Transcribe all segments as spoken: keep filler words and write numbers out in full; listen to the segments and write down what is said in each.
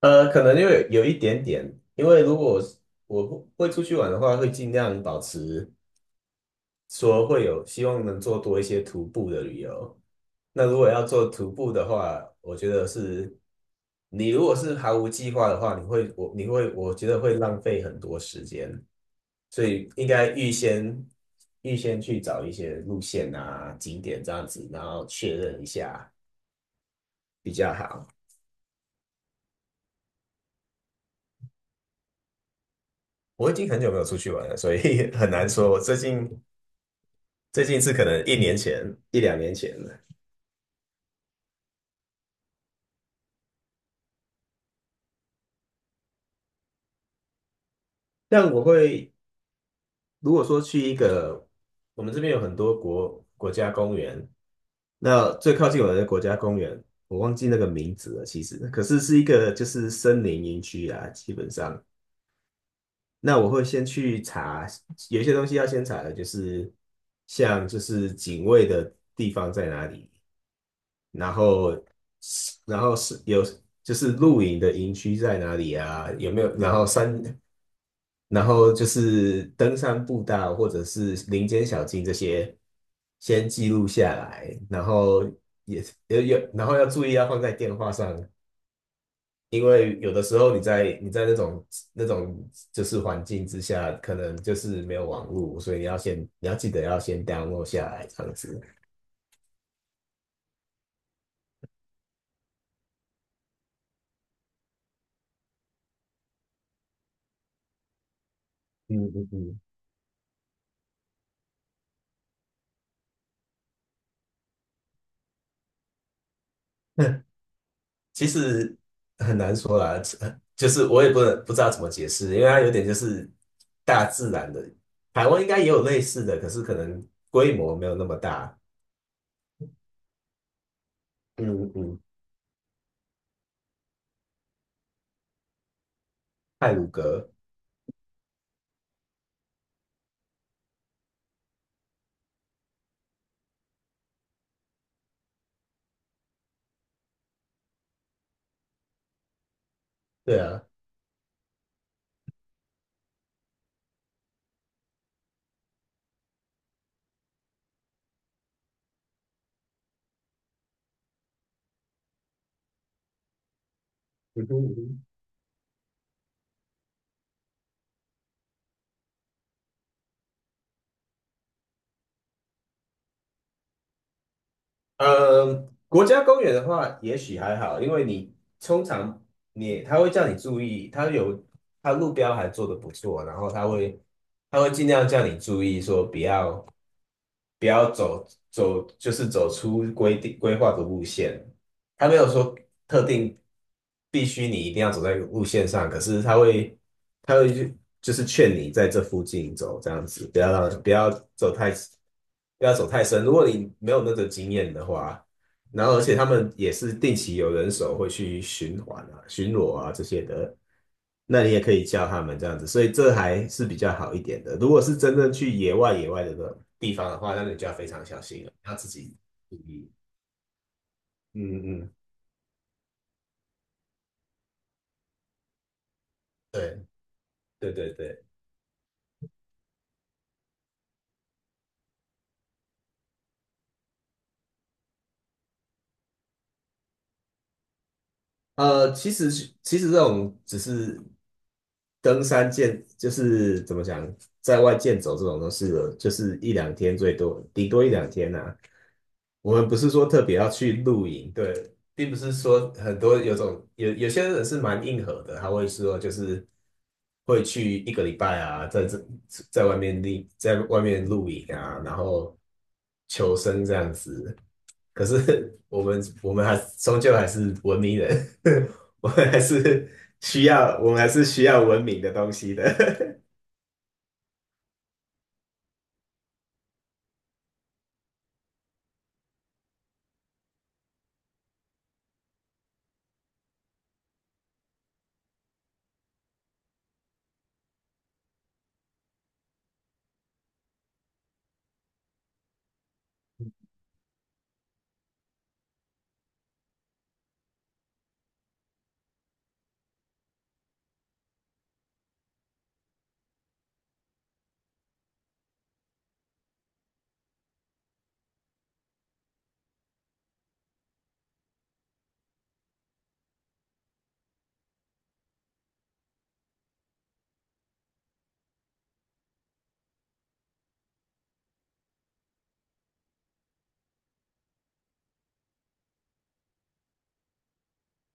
呃，可能因为有一点点，因为如果我是我不会出去玩的话，会尽量保持说会有希望能做多一些徒步的旅游。那如果要做徒步的话，我觉得是你如果是毫无计划的话，你会我你会我觉得会浪费很多时间，所以应该预先预先去找一些路线啊、景点这样子，然后确认一下比较好。我已经很久没有出去玩了，所以 很难说。我最近最近是可能一年前、一两年前了。但我会，如果说去一个，我们这边有很多国国家公园，那最靠近我的国家公园，我忘记那个名字了，其实，可是是一个就是森林营区啊，基本上。那我会先去查，有一些东西要先查的，就是像就是警卫的地方在哪里，然后然后是有就是露营的营区在哪里啊？有没有？然后山然后就是登山步道或者是林间小径这些，先记录下来，然后也有有，然后要注意要放在电话上，因为有的时候你在你在那种那种就是环境之下，可能就是没有网络，所以你要先你要记得要先 download 下来这样子。嗯嗯嗯。其实很难说啦，就是我也不能不知道怎么解释，因为它有点就是大自然的。台湾应该也有类似的，可是可能规模没有那么大。嗯嗯。太鲁阁。对啊。嗯哼嗯哼。呃国家公园的话，也许还好，因为你通常你他会叫你注意，他有他路标还做得不错，然后他会他会尽量叫你注意说不要。不要走走，就是走出规定规划的路线。他没有说特定必须你一定要走在路线上，可是他会他会就就是劝你在这附近走，这样子，不要让不要走太不要走太深。如果你没有那个经验的话，然后而且他们也是定期有人手会去巡环啊、巡逻啊这些的，那你也可以叫他们这样子，所以这还是比较好一点的。如果是真正去野外野外的地方的话，那你就要非常小心了，要自己注意。嗯嗯。对对对对。呃，其实其实这种只是登山健，就是怎么讲，在外健走这种都是就是一两天最多，顶多一两天呐、我们不是说特别要去露营，对，并不是说很多有种有有些人是蛮硬核的，他会说就是会去一个礼拜啊，在这在外面露在外面露营啊，然后求生这样子。可是 我们我们还终究还是文明人，我们还是需要我们还是需要文明的东西的。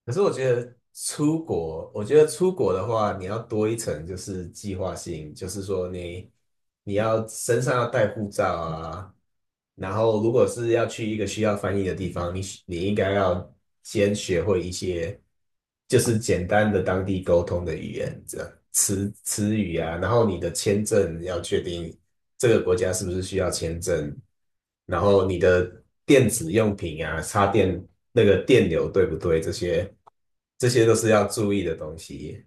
可是我觉得出国，我觉得出国的话，你要多一层就是计划性，就是说你你要身上要带护照啊，然后如果是要去一个需要翻译的地方，你你应该要先学会一些就是简单的当地沟通的语言，这样词词语啊，然后你的签证要确定这个国家是不是需要签证，然后你的电子用品啊，插电那个电流对不对？这些这些都是要注意的东西。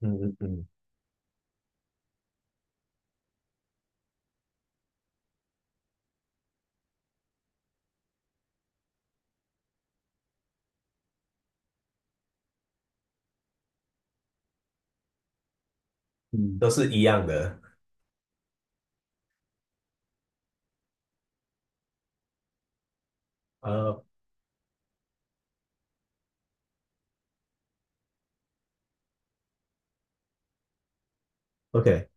嗯嗯嗯嗯都是一样的。呃，OK。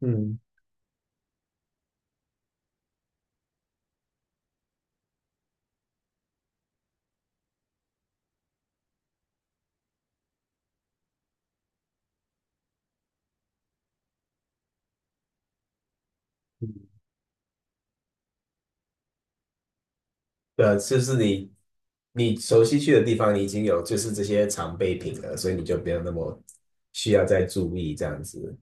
嗯嗯。对啊就是你你熟悉去的地方，你已经有就是这些常备品了，所以你就不要那么需要再注意这样子。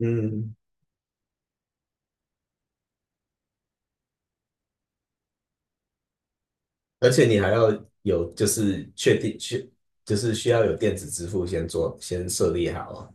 嗯而且你还要有就是确定确就是需要有电子支付先做先设立好。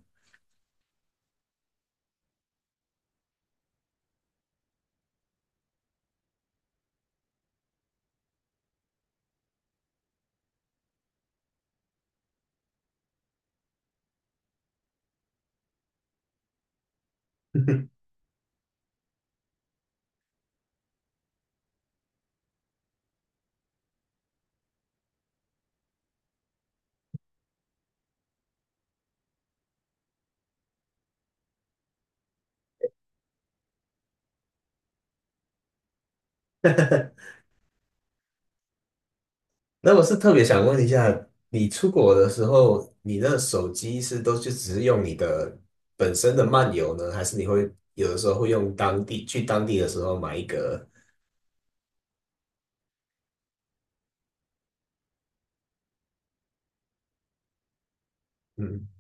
那我是特别想问一下，你出国的时候，你的手机是都就只是用你的本身的漫游呢，还是你会有的时候会用当地去当地的时候买一个？嗯。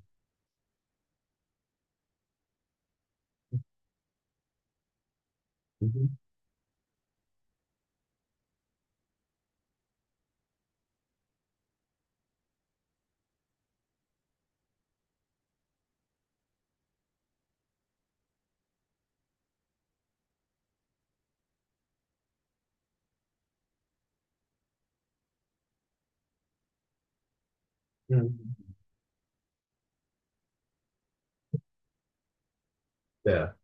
嗯哼。嗯。对啊。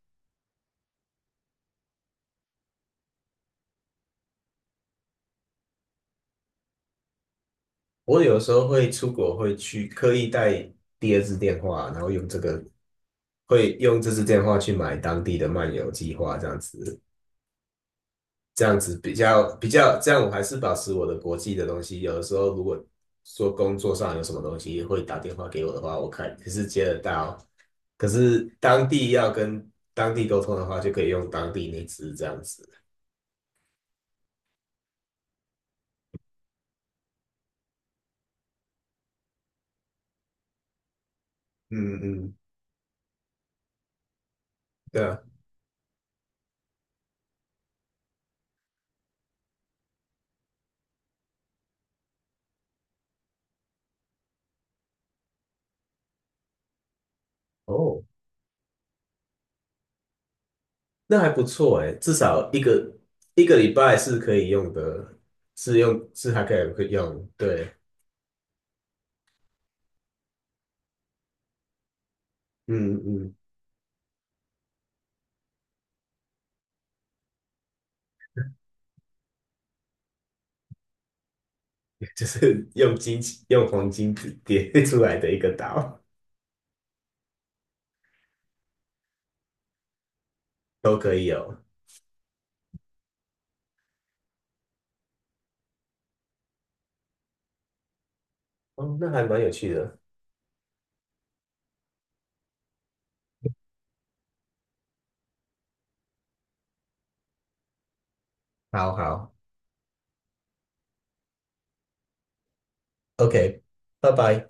我有时候会出国会去刻意带第二支电话，然后用这个会用这支电话去买当地的漫游计划这样子。这样子比较比较，这样我还是保持我的国际的东西。有的时候如果说工作上有什么东西会打电话给我的话，我看也是接得到。可是当地要跟当地沟通的话，就可以用当地那支这样子。嗯嗯。对啊。哦，那还不错诶，至少一个一个礼拜是可以用的，是用是还可以可以用，对。嗯嗯。就是用金用黄金叠 出来的一个岛都可以有。哦，那还蛮有趣的。好好。OK。拜拜。